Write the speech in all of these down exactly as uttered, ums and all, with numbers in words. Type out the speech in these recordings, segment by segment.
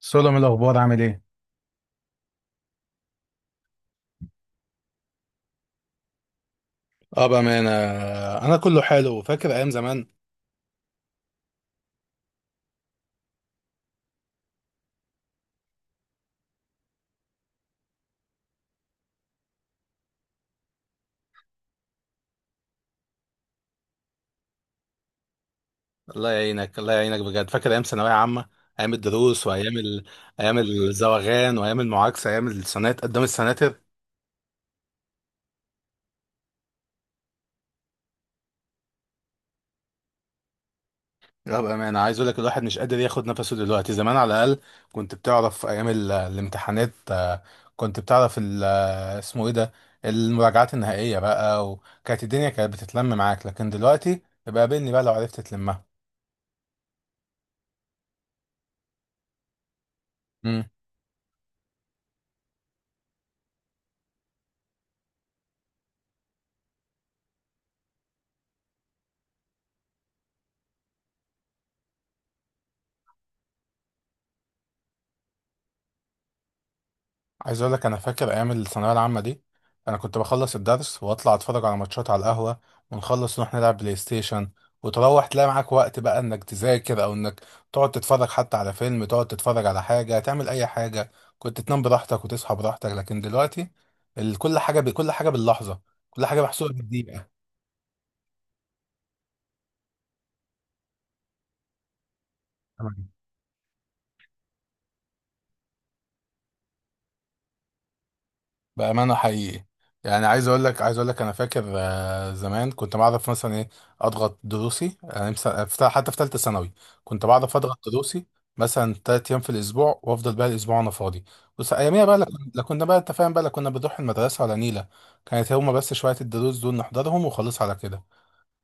سولو الاخبار عامل ايه؟ اه، بأمانة. أنا كله حلو، فاكر أيام زمان. الله يعينك الله يعينك بجد، فاكر أيام ثانوية عامة، أيام الدروس وأيام ال... أيام الزواغان وأيام المعاكسة، أيام السنات قدام السناتر. لا بأمانة، عايز أقول لك الواحد مش قادر ياخد نفسه دلوقتي. زمان على الأقل كنت بتعرف أيام ال... الامتحانات، آه، كنت بتعرف ال... آه، اسمه إيه ده، المراجعات النهائية بقى، وكانت الدنيا كانت بتتلم معاك، لكن دلوقتي يبقى قابلني بقى لو عرفت تلمها. عايز اقول لك انا فاكر ايام الثانويه العامه دي. انا كنت بخلص الدرس واطلع اتفرج على ماتشات على القهوه، ونخلص نروح نلعب بلاي ستيشن، وتروح تلاقي معاك وقت بقى انك تذاكر، او انك تقعد تتفرج حتى على فيلم، تقعد تتفرج على حاجه، تعمل اي حاجه. كنت تنام براحتك وتصحى براحتك، لكن دلوقتي ال- كل حاجه ب... كل حاجه باللحظه، كل حاجه محسوبه بالدقيقه. تمام. بأمانة حقيقي، يعني عايز اقول لك عايز اقول لك انا فاكر، آه، زمان كنت بعرف مثلا ايه، اضغط دروسي، يعني مثلا في- حتى في ثالثه ثانوي كنت بعرف اضغط دروسي، مثلا ثلاث ايام في الاسبوع، وافضل بقى الاسبوع انا فاضي. بس اياميها بقى لا كن- لا كنا بقى انت فاهم بقى، لا كنا بنروح المدرسه ولا نيله، كانت هما بس شويه الدروس دول نحضرهم وخلاص على كده.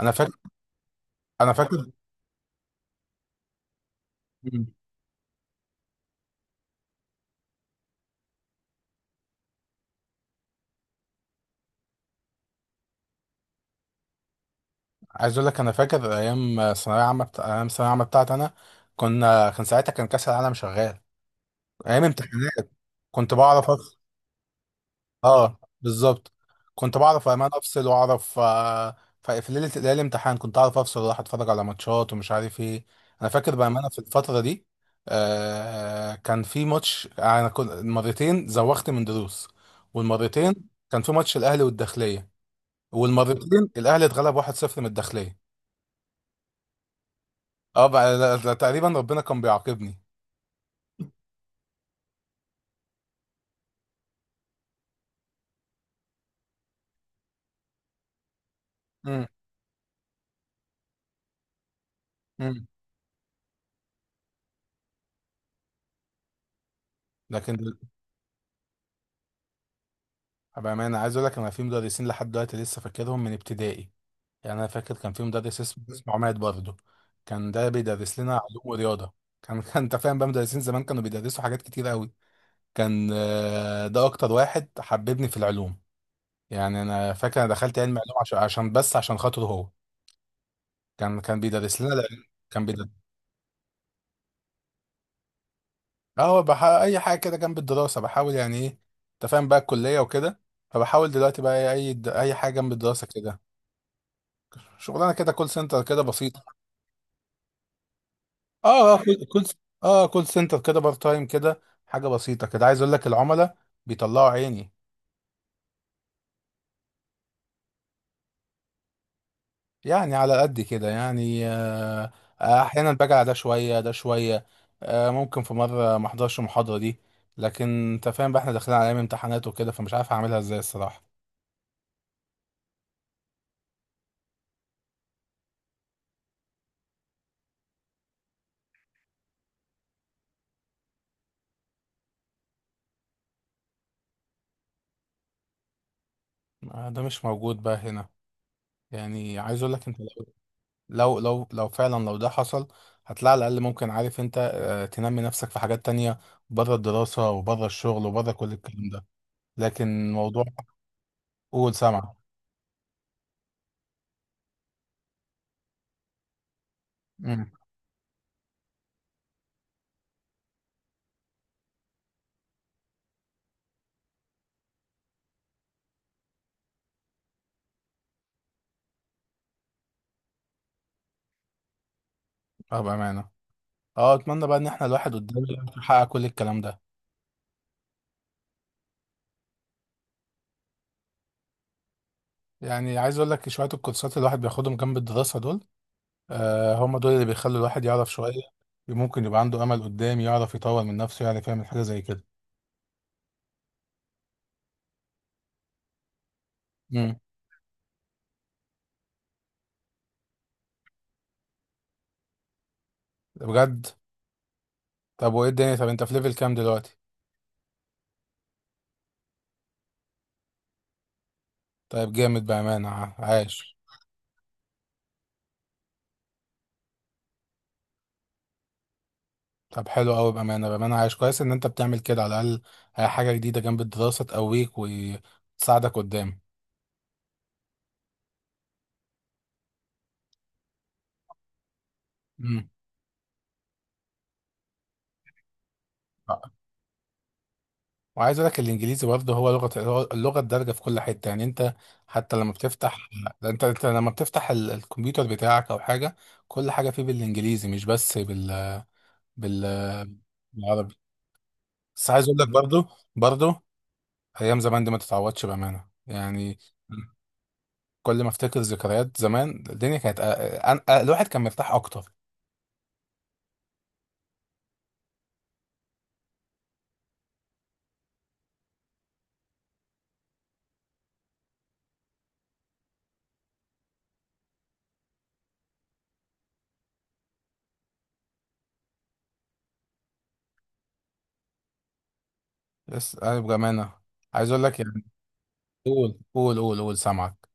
انا فاكر انا فاكر مم. عايز اقول لك انا فاكر ايام ثانويه عامه بتاع- ايام ثانويه عامه بتاعتي انا، كنا كان ساعتها كان كاس العالم شغال، ايام امتحانات. كنت بعرف، اه بالظبط، كنت بعرف امان افصل واعرف، آه، ف- في ليله ليله الامتحان كنت اعرف افصل واروح اتفرج على ماتشات ومش عارف ايه. انا فاكر بامانه في الفتره دي آه، كان في ماتش، انا كنت مرتين زوغت من دروس، والمرتين كان في ماتش الاهلي والداخليه، والمرتين الاهلي اتغلب واحد صفر من الداخليه. اه بقى، لا- لا- تقريبا ربنا كان بيعاقبني. امم. امم. لكن بامانه عايز اقول لك، انا في مدرسين لحد دلوقتي لسه فاكرهم من ابتدائي، يعني انا فاكر كان في مدرس اسمه اسمه عماد برضه، كان ده بيدرس لنا علوم ورياضه. كان كان انت فاهم بقى، مدرسين زمان كانوا بيدرسوا حاجات كتير قوي. كان، آه، ده اكتر واحد حببني في العلوم، يعني انا فاكر انا دخلت علم علوم عشان عشان بس عشان خاطره هو. كان كان بيدرس لنا العلوم، كان بيدرس. اه هو بح... اي حاجه كده جنب الدراسه بحاول يعني ايه، انت فاهم بقى الكليه وكده، فبحاول دلوقتي بقى اي اي حاجه جنب الدراسه كده، شغلانه كده كول سنتر كده بسيط. اه اه كول كول- اه كول سنتر كده، بار تايم كده، حاجه بسيطه كده. عايز اقول لك العملاء بيطلعوا عيني يعني، على قد كده يعني آه. آه، احيانا باجي على ده شويه ده شويه، آه ممكن في مره ما احضرش المحاضره دي، لكن انت فاهم بقى احنا داخلين على ايام امتحانات وكده، فمش عارف اعملها ازاي الصراحه. آه ده مش موجود بقى هنا، يعني عايز اقول لك انت، لو لو لو فعلا لو ده حصل هتلاقي على الاقل، ممكن عارف انت آه تنمي نفسك في حاجات تانية، بره الدراسه وبره الشغل وبره كل الكلام ده، لكن موضوع. قول، سمع. امم. اه بامانه، اه اتمنى بقى ان احنا الواحد قدام يعرف يحقق كل الكلام ده. يعني عايز اقول لك شويه الكورسات اللي الواحد بياخدهم جنب الدراسه دول، آه هم دول اللي بيخلوا الواحد يعرف شويه، ممكن يبقى عنده امل قدام يعرف يطور من نفسه، يعرف يعمل حاجه زي كده. امم. بجد؟ طب وايه الدنيا، طب انت في ليفل كام دلوقتي؟ طيب جامد بامانه، ع- عايش. طب حلو قوي بامانه، بامانه عايش كويس ان انت بتعمل كده، على الاقل حاجه جديده جنب الدراسه تقويك وتساعدك قدام. امم. وعايز اقول لك الانجليزي برضه هو لغه، اللغه الدارجه في كل حته، يعني انت حتى لما بتفتح، انت انت لما بتفتح ال- الكمبيوتر بتاعك او حاجه، كل حاجه فيه بالانجليزي، مش بس بال بال بالعربي. بس عايز اقول لك برضه، برضه ايام زمان دي ما تتعوضش بامانه يعني، كل ما افتكر ذكريات زمان، الدنيا كانت أ- أ- أ- الواحد كان مرتاح اكتر. بس انا بامانه عايز اقول لك يعني، قول قول قول قول سامعك.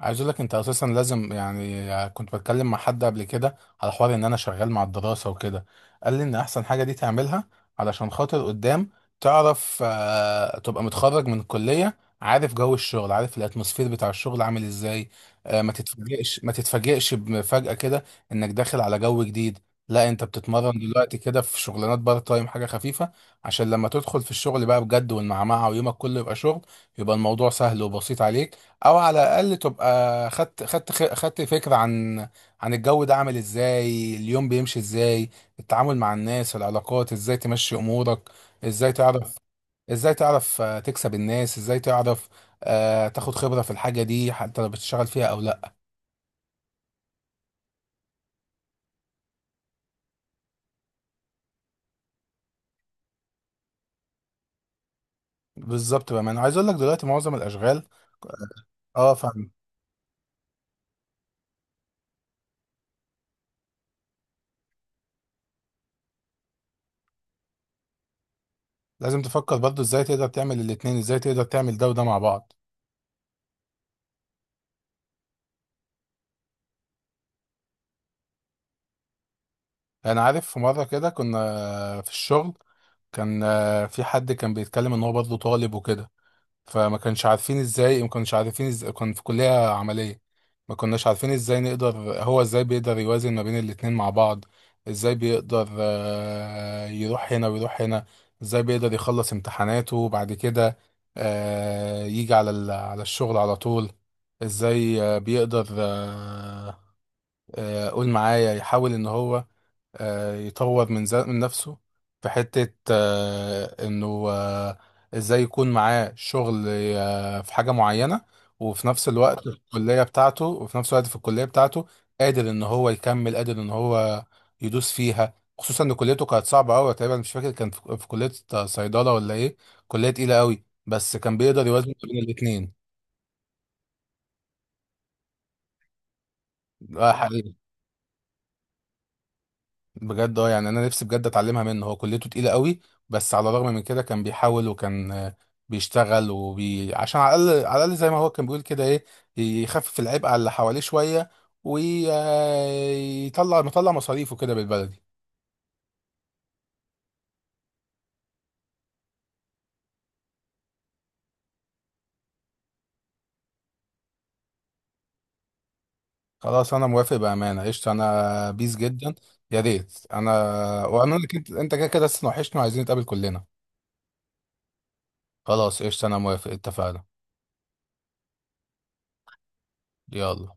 عايز اقول لك انت اساسا لازم، يعني كنت بتكلم مع حد قبل كده على حوار ان انا شغال مع الدراسه وكده، قال لي ان احسن حاجه دي تعملها علشان خاطر قدام تعرف، آه، تبقى متخرج من الكليه عارف جو الشغل، عارف الاتموسفير بتاع الشغل عامل ازاي، آه، ما تتفاجئش ما تتفاجئش بمفاجاه كده انك داخل على جو جديد. لا انت بتتمرن دلوقتي كده في شغلانات بارت تايم، حاجه خفيفه، عشان لما تدخل في الشغل بقى بجد والمعمعه، ويومك كله يبقى شغل، يبقى الموضوع سهل وبسيط عليك. او على الاقل تبقى خدت خدت خدت فكره عن عن الجو ده عامل ازاي، اليوم بيمشي ازاي، التعامل مع الناس، العلاقات، ازاي تمشي امورك، ازاي تعرف، ازاي تعرف آه، تكسب الناس، ازاي تعرف آه، تاخد خبره في الحاجه دي، حتى لو بتشتغل فيها او لا. بالظبط بقى، ما انا عايز اقول لك دلوقتي معظم الاشغال. اه فاهم. لازم تفكر برضو ازاي تقدر تعمل الاتنين، ازاي تقدر تعمل ده وده مع بعض. انا عارف في مره كده كنا في الشغل، كان آه، في حد كان بيتكلم ان هو برضه طالب وكده، فما كانش عارفين ازاي، ما كانش عارفين ازاي، كان في كلية عملية، ما كناش عارفين ازاي نقدر، هو ازاي بيقدر يوازن ما بين الاتنين مع بعض، ازاي بيقدر آه، يروح هنا ويروح هنا، ازاي بيقدر يخلص امتحاناته وبعد كده آه، يجي على ال- على الشغل على طول، ازاي آه، بيقدر آه، آه، قول معايا يحاول ان هو آه، يطور من ذا- من نفسه في حتة آه، انه آه، ازاي يكون معاه شغل آه، في حاجة معينة، وفي نفس الوقت في الكلية بتاعته، وفي نفس الوقت في الكلية بتاعته قادر ان هو يكمل، قادر ان هو يدوس فيها، خصوصا ان كليته كانت صعبة قوي، تقريبا مش فاكر كان في، في كلية صيدلة ولا ايه، كلية تقيلة قوي، بس كان بيقدر يوازن بين الاتنين. آه، حقيقي بجد، اه يعني انا نفسي بجد اتعلمها منه، هو كليته تقيله قوي، بس على الرغم من كده كان بيحاول، وكان آه، بيشتغل وبي عشان على الاقل، على الاقل زي ما هو كان بيقول كده ايه، يخفف العبء على اللي حواليه شويه، ويطلع، مطلع مصاريفه كده بالبلدي. خلاص انا موافق بامانه، قشطه، انا بيس جدا، يا ريت انا، وانا كنت انت كده كده لسه وحشنا وعايزين نتقابل كلنا. خلاص قشطه، انا موافق، اتفقنا. يلا.